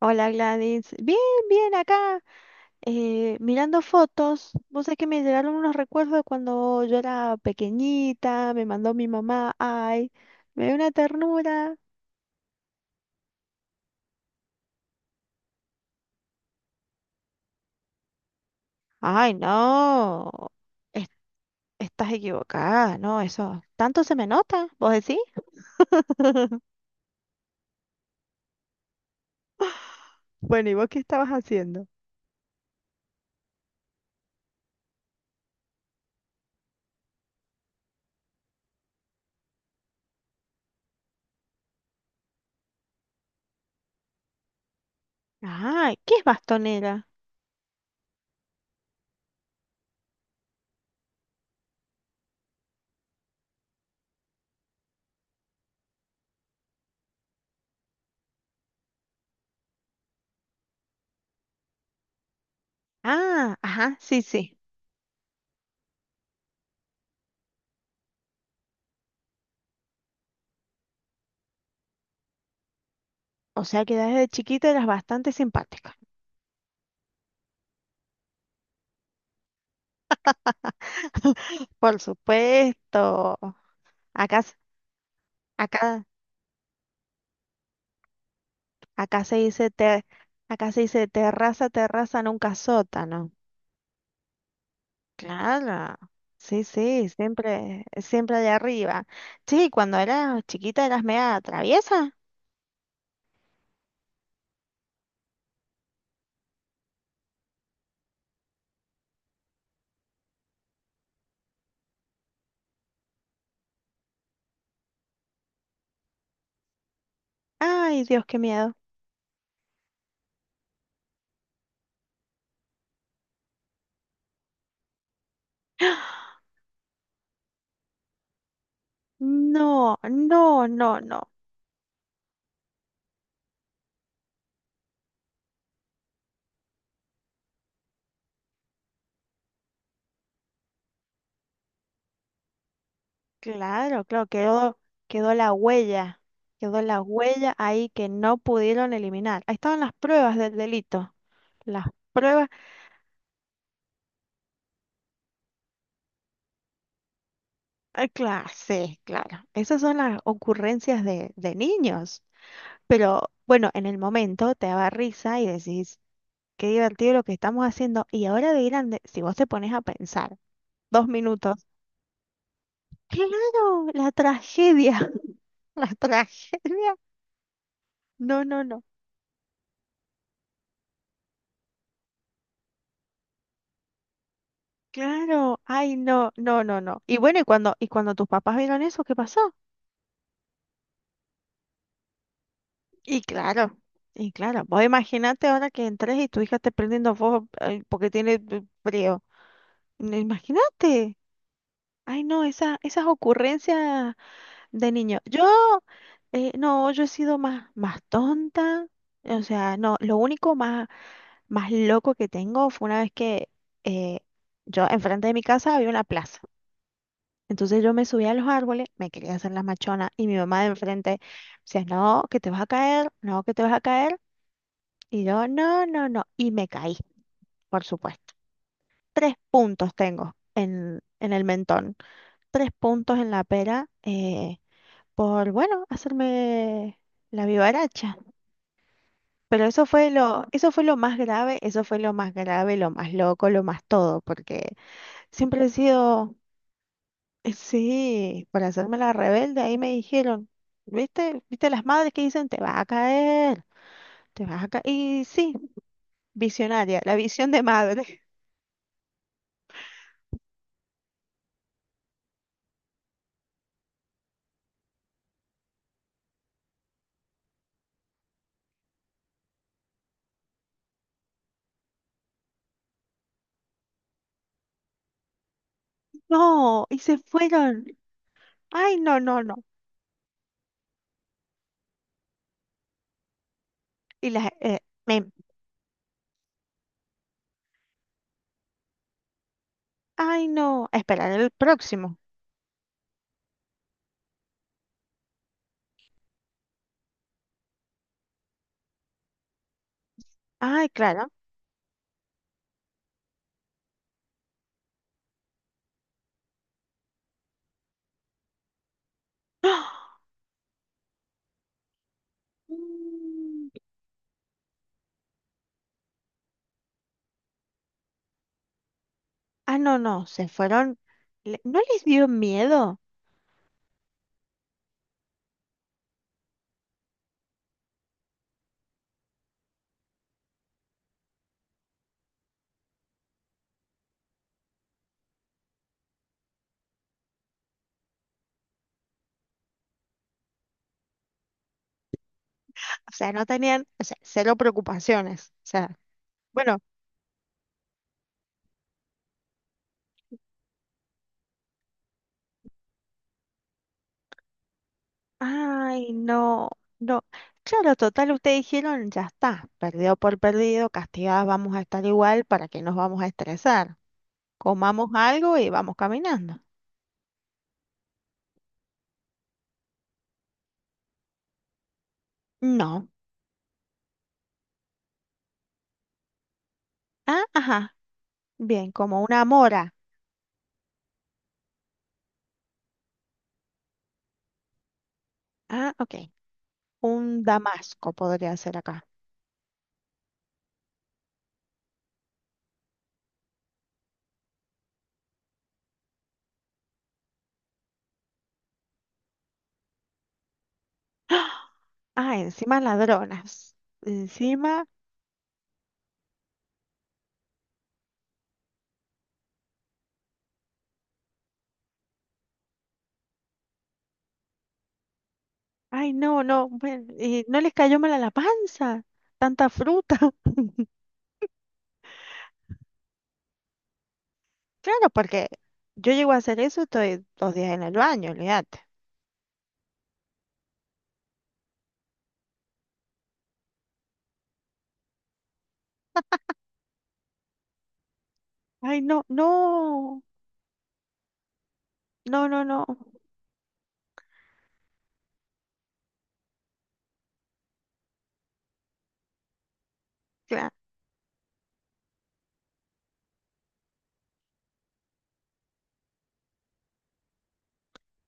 Hola Gladys, bien, bien acá, mirando fotos. Vos sabés que me llegaron unos recuerdos de cuando yo era pequeñita, me mandó mi mamá, ay, me dio una ternura. Ay, no, es- estás equivocada, no, eso, tanto se me nota, ¿vos decís? Bueno, ¿y vos qué estabas haciendo? Ah, ¿qué es bastonera? Ah, ajá, sí, sí. O sea que desde chiquita eras bastante simpática. Por supuesto. Acá Acá, acá se dice ter- acá se dice terraza, terraza, nunca sótano. Claro. Sí, sí, siempre, siempre de arriba. Sí, cuando eras chiquita eras media traviesa. Ay, Dios, qué miedo. No, no, no, no. Claro, claro, quedó, la huella. Quedó la huella ahí que no pudieron eliminar. Ahí estaban las pruebas del delito. Las pruebas. Claro, sí, claro. Esas son las ocurrencias de, niños. Pero bueno, en el momento te daba risa y decís, qué divertido lo que estamos haciendo. Y ahora de grande, si vos te pones a pensar 2 minutos, claro, la tragedia, la tragedia. No, no, no. Claro, ay, no, no, no, no. Y bueno, y cuando, tus papás vieron eso, ¿qué pasó? Y claro, vos imaginate ahora que entres y tu hija esté prendiendo fuego porque tiene frío. No, imagínate. Ay, no, esa, esas ocurrencias de niño. Yo, no, yo he sido más, tonta. O sea, no, lo único más, loco que tengo fue una vez que eh, yo, enfrente de mi casa había una plaza. Entonces yo me subí a los árboles, me quería hacer la machona y mi mamá de enfrente decía, no, que te vas a caer, no, que te vas a caer. Y yo, no, no, no. Y me caí, por supuesto. 3 puntos tengo en, el mentón, 3 puntos en la pera. Por, bueno, hacerme la vivaracha. Pero eso fue lo más grave, eso fue lo más grave, lo más loco, lo más todo, porque siempre he sido, sí, por hacerme la rebelde, ahí me dijeron, ¿viste? ¿Viste las madres que dicen, te vas a caer, te vas a caer? Y sí, visionaria, la visión de madre. No, y se fueron. Ay, no, no, no. Y las, me- ay, no, a esperar el próximo. Ay, claro. Ah, no, no, se fueron, no les dio miedo, o sea, no tenían, o sea, cero preocupaciones, o sea, bueno, ay, no, no, claro, total, ustedes dijeron, ya está, perdido por perdido, castigadas vamos a estar igual, ¿para que nos vamos a estresar? Comamos algo y vamos caminando. No, ah, ajá, bien, como una mora, ah, ok, un damasco podría ser acá. Ah, Ah, encima ladronas, encima. Ay, no, no, bueno, no les cayó mal a la panza, tanta fruta. Claro, porque yo llego a hacer eso, estoy dos días en el baño, olvídate. Ay, no, no, no, no, no. Claro.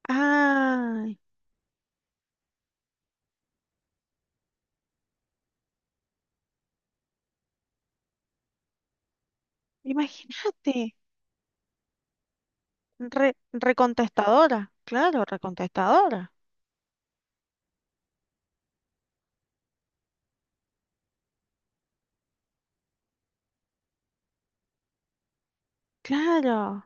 Ay, imagínate, recontestadora, claro, recontestadora, claro.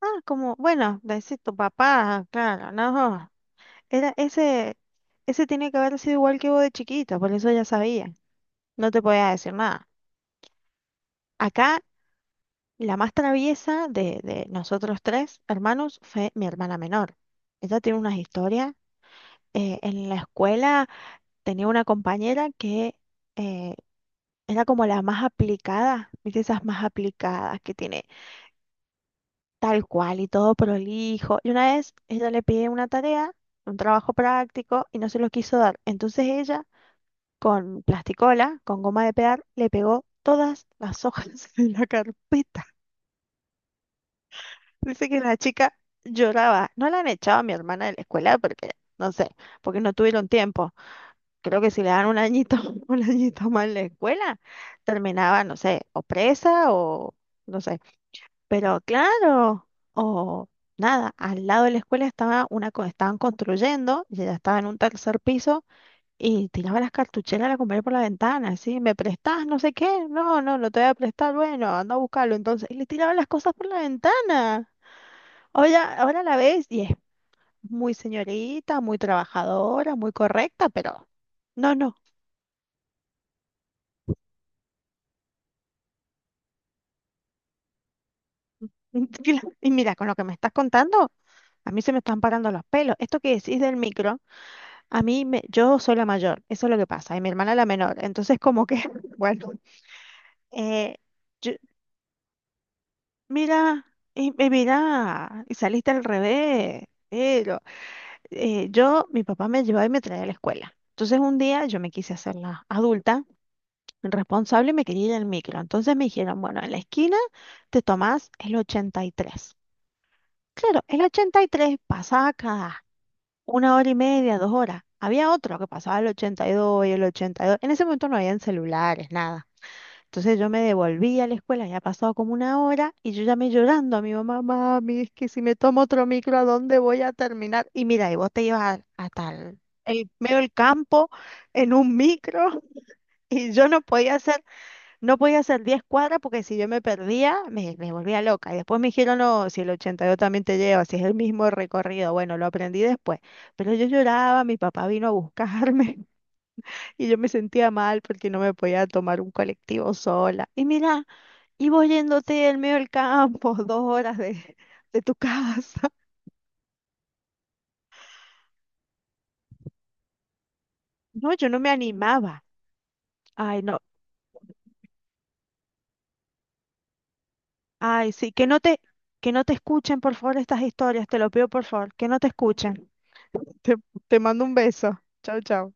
Ah, como, bueno, decir tu papá, claro, no. Era ese, ese tiene que haber sido igual que vos de chiquita, por eso ya sabía. No te podía decir nada. Acá, la más traviesa de, nosotros tres hermanos fue mi hermana menor. Ella tiene unas historias. En la escuela tenía una compañera que eh, era como la más aplicada, ¿viste? Esas más aplicadas que tiene tal cual y todo prolijo. Y una vez ella le pide una tarea, un trabajo práctico, y no se lo quiso dar. Entonces ella, con plasticola, con goma de pegar, le pegó todas las hojas de la carpeta. Dice que la chica lloraba. No la han echado a mi hermana de la escuela porque, no sé, porque no tuvieron tiempo. Creo que si le dan un añito, un añito más en la escuela, terminaba, no sé, o presa o no sé. Pero claro, o nada, al lado de la escuela estaba una, estaban construyendo y ella estaba en un tercer piso y tiraba las cartucheras a la comer por la ventana, así, ¿me prestás? No sé qué. No, no, no te voy a prestar. Bueno, anda a buscarlo. Entonces, y le tiraba las cosas por la ventana. Ahora, ahora la ves y es muy señorita, muy trabajadora, muy correcta, pero no, no. Y mira, con lo que me estás contando, a mí se me están parando los pelos. Esto que decís del micro, a mí me, yo soy la mayor, eso es lo que pasa, y mi hermana la menor. Entonces, como que, bueno, eh, yo- mira, y mira, y saliste al revés. Pero yo, mi papá me llevaba y me traía a la escuela. Entonces, un día yo me quise hacer la adulta. El responsable y me quería ir al micro. Entonces me dijeron, bueno, en la esquina te tomás el 83. Claro, el 83 pasaba cada una hora y media, 2 horas. Había otro que pasaba el 82 y dos y el 82. En ese momento no habían celulares, nada. Entonces yo me devolví a la escuela, ya pasado como una hora, y yo llamé llorando a mi mamá, mami, es que si me tomo otro micro, ¿a dónde voy a terminar? Y mira, y vos te ibas hasta el medio del campo en un micro y yo no podía hacer 10 cuadras porque si yo me perdía, me, volvía loca. Y después me dijeron, no, si el 82 también te lleva, si es el mismo recorrido. Bueno, lo aprendí después. Pero yo lloraba, mi papá vino a buscarme y yo me sentía mal porque no me podía tomar un colectivo sola. Y mira, y vos yéndote en medio del campo, 2 horas de, tu casa. No, yo no me animaba. Ay, no. Ay, sí, que no te, escuchen, por favor, estas historias. Te lo pido, por favor, que no te escuchen. Te, mando un beso. Chao, chao.